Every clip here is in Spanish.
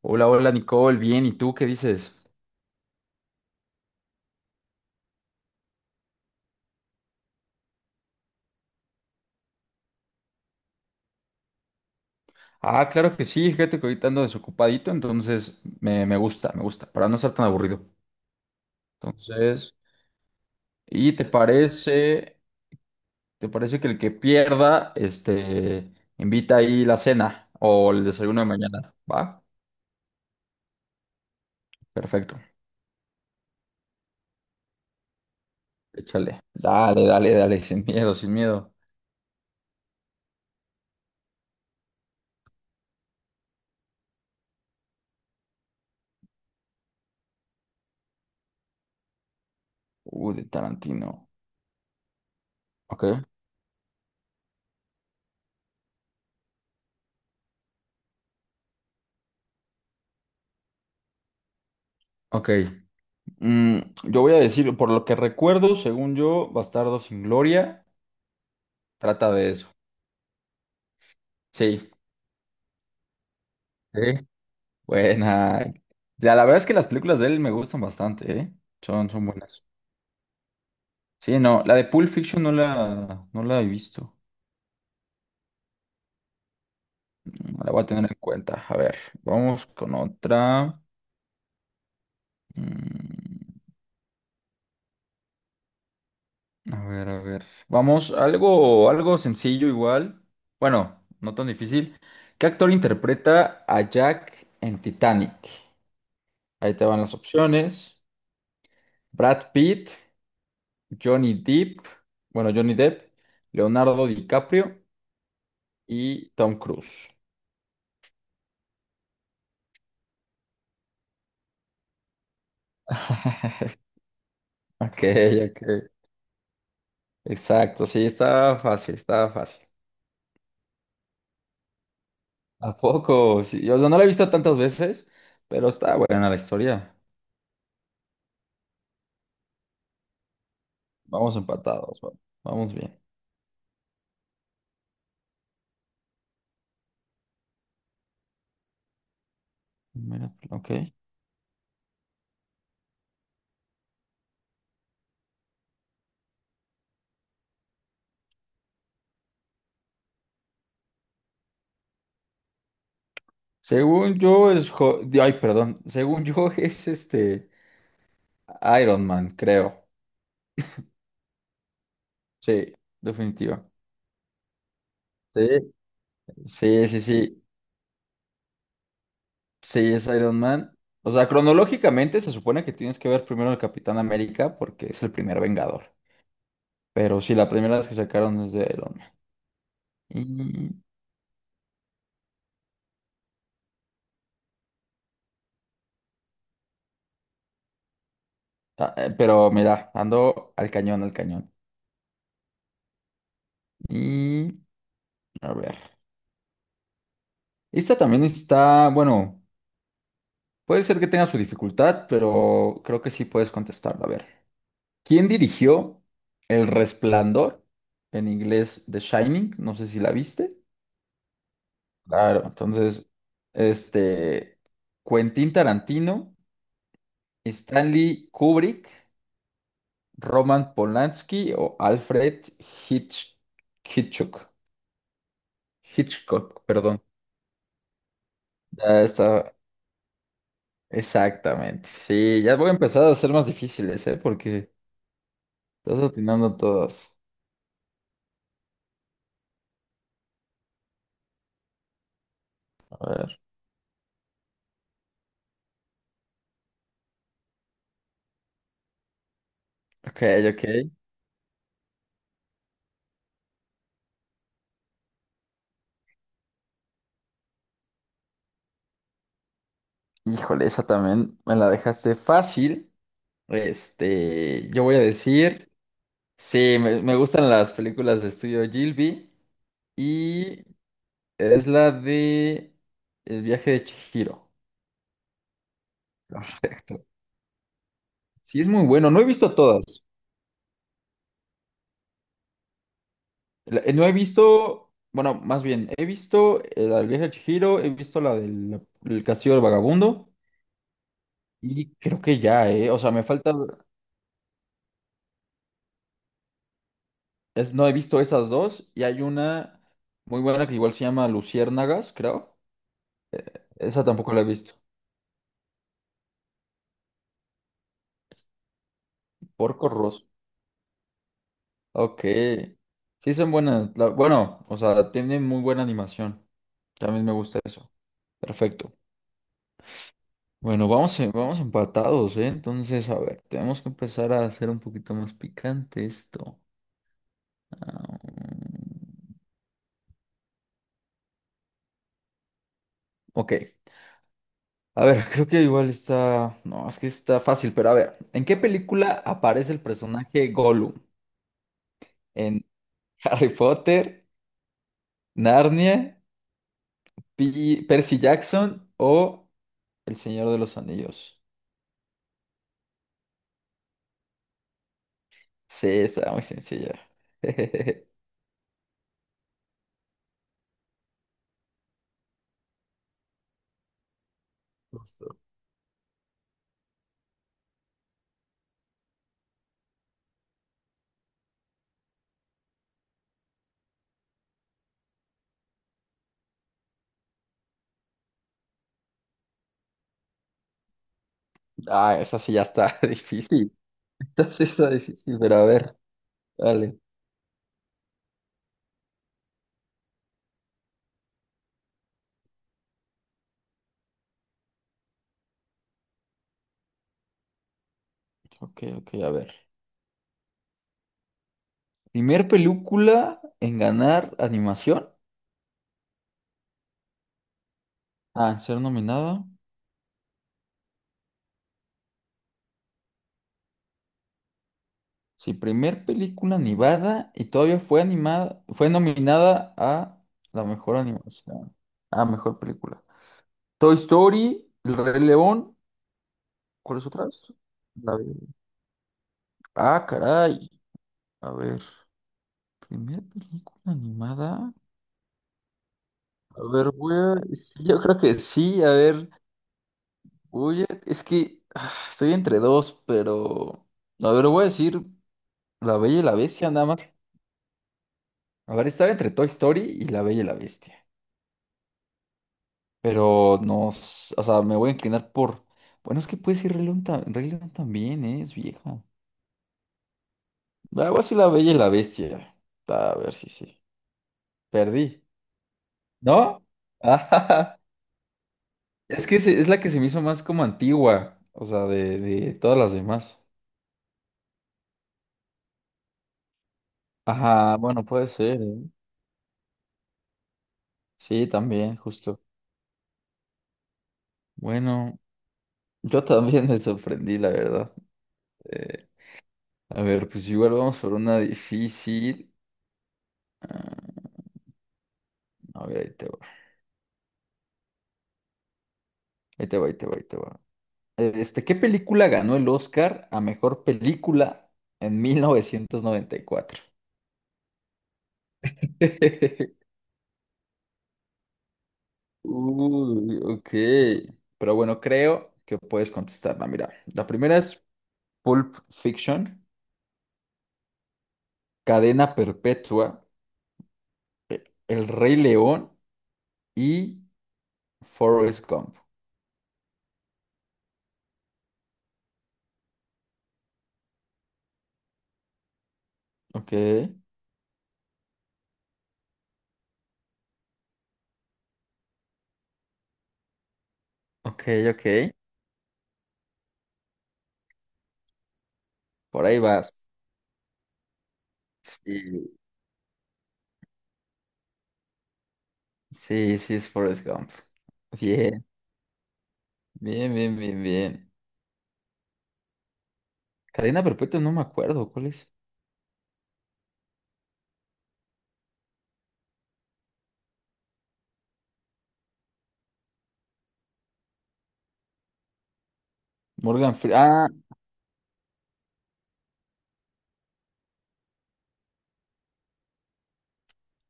Hola Nicole, bien, ¿y tú qué dices? Ah, claro que sí, fíjate que ahorita ando desocupadito, entonces me gusta, para no estar tan aburrido. Entonces, ¿y te parece que el que pierda, invita ahí la cena o el desayuno de mañana? ¿Va? Perfecto, échale. Dale, dale, dale, sin miedo, sin miedo. Uy, de Tarantino. Ok, ok. Mm, yo voy a decir, por lo que recuerdo, según yo, Bastardo sin Gloria, trata de eso. Sí, sí. Buena. La verdad es que las películas de él me gustan bastante, ¿eh? Son buenas. Sí, no, la de Pulp Fiction no la he visto. La voy a tener en cuenta. A ver, vamos con otra. Mm, a ver, a ver. Vamos, algo sencillo igual. Bueno, no tan difícil. ¿Qué actor interpreta a Jack en Titanic? Ahí te van las opciones. Brad Pitt, Johnny Depp, bueno, Johnny Depp, Leonardo DiCaprio y Tom Cruise. Ok, ok. Exacto, sí, estaba fácil, estaba fácil. ¿A poco? Sí, o sea, no la he visto tantas veces, pero está buena la historia. Vamos empatados, vamos bien. Mira, ok. Según yo es... Ho- Ay, perdón. Según yo es Iron Man, creo. Sí, definitiva. Sí, sí, sí, sí. Sí, es Iron Man. O sea, cronológicamente se supone que tienes que ver primero el Capitán América porque es el primer Vengador. Pero sí, la primera vez que sacaron es de Iron Man. Y, pero mira, ando al cañón, al cañón. Y a ver. Esta también está, bueno, puede ser que tenga su dificultad, pero creo que sí puedes contestarla. A ver. ¿Quién dirigió El Resplandor? En inglés, The Shining. No sé si la viste. Claro, entonces, este, Quentin Tarantino, Stanley Kubrick, Roman Polanski o Alfred Hitch- Hitchcock. Hitchcock, perdón. Ya está, exactamente. Sí, ya voy a empezar a ser más difíciles, ¿eh? Porque estás atinando todas. A ver. Ok, ok. Híjole, esa también me la dejaste fácil. Yo voy a decir, sí, me gustan las películas de estudio Gilby y es la de El viaje de Chihiro. Perfecto. Sí, es muy bueno. No he visto todas, no he visto, bueno, más bien, he visto la del viaje de Chihiro, he visto la del el castillo del vagabundo y creo que ya, o sea, me falta, no he visto esas dos y hay una muy buena que igual se llama Luciérnagas, creo. Esa tampoco la he visto. Porco Rosso. Ok. Sí, son buenas. Bueno, o sea, tienen muy buena animación. También me gusta eso. Perfecto. Bueno, vamos, vamos empatados, ¿eh? Entonces, a ver, tenemos que empezar a hacer un poquito más picante esto. Ah, ok. A ver, creo que igual está. No, es que está fácil, pero a ver. ¿En qué película aparece el personaje Gollum? ¿En Harry Potter, Narnia, Percy Jackson o El Señor de los Anillos? Sí, está muy sencilla. Justo. Ah, esa sí ya está difícil. Esta sí está difícil, pero a ver, dale. Ok, ok, a ver. Primer película en ganar animación. Ah, en ser nominada. Sí, primer película animada y todavía fue animada, fue nominada a la mejor animación, a mejor película. Toy Story, El Rey León, ¿cuáles otras? La de- Ah, caray. A ver, primer película animada. A ver, sí, yo creo que sí, a ver, Es que estoy entre dos, pero. A ver, voy a decir La Bella y la Bestia, nada más. A ver, estaba entre Toy Story y La Bella y la Bestia. Pero no, o sea, me voy a inclinar por. Bueno, es que puede ser Rey León, Rey León también, ¿eh? Es vieja. Ah, voy a decir La Bella y la Bestia. A ver si sí. Perdí. ¿No? Ajá. Es que es la que se me hizo más como antigua. O sea, de todas las demás. Ajá, bueno, puede ser, ¿eh? Sí, también, justo. Bueno, yo también me sorprendí, la verdad. Eh, a ver, pues igual vamos por una difícil. Ah, a ver, ahí te va. Ahí te va, ahí te va, ahí te va. ¿Qué película ganó el Oscar a mejor película en 1994? Uy, ok. Pero bueno, creo que puedes contestarla. Mira, la primera es Pulp Fiction, Cadena Perpetua, El Rey León y Forrest Gump. Ok, ok, ok. Por ahí vas. Sí, sí, sí es Forrest Gump. Bien, bien, bien, bien, bien. Cadena Perpetua no me acuerdo, ¿cuál es? Morgan Freeman.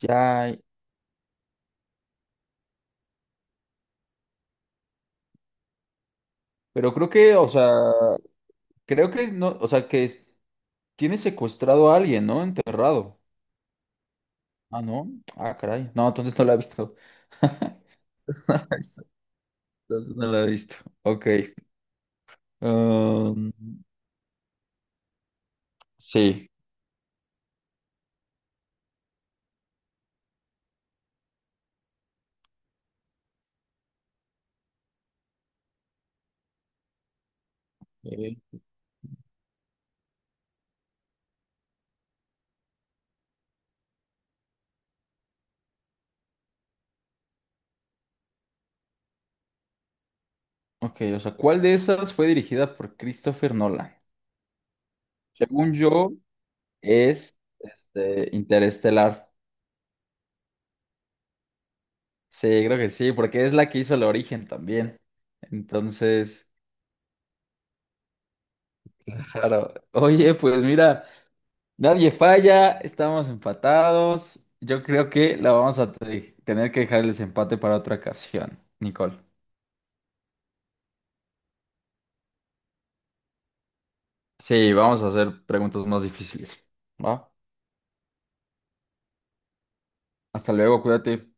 Ya, pero creo que, o sea, creo que es, no, o sea, que tiene secuestrado a alguien, ¿no? Enterrado. Ah, no. Ah, caray. No, entonces no la he visto. No la he visto. Entonces no la he visto. Ok. Um, sí. Eh, Ok, o sea, ¿cuál de esas fue dirigida por Christopher Nolan? Según yo, es Interestelar. Sí, creo que sí, porque es la que hizo el origen también. Entonces, claro. Oye, pues mira. Nadie falla, estamos empatados. Yo creo que la vamos a tener que dejar el desempate para otra ocasión, Nicole. Sí, vamos a hacer preguntas más difíciles. ¿Va? Hasta luego, cuídate.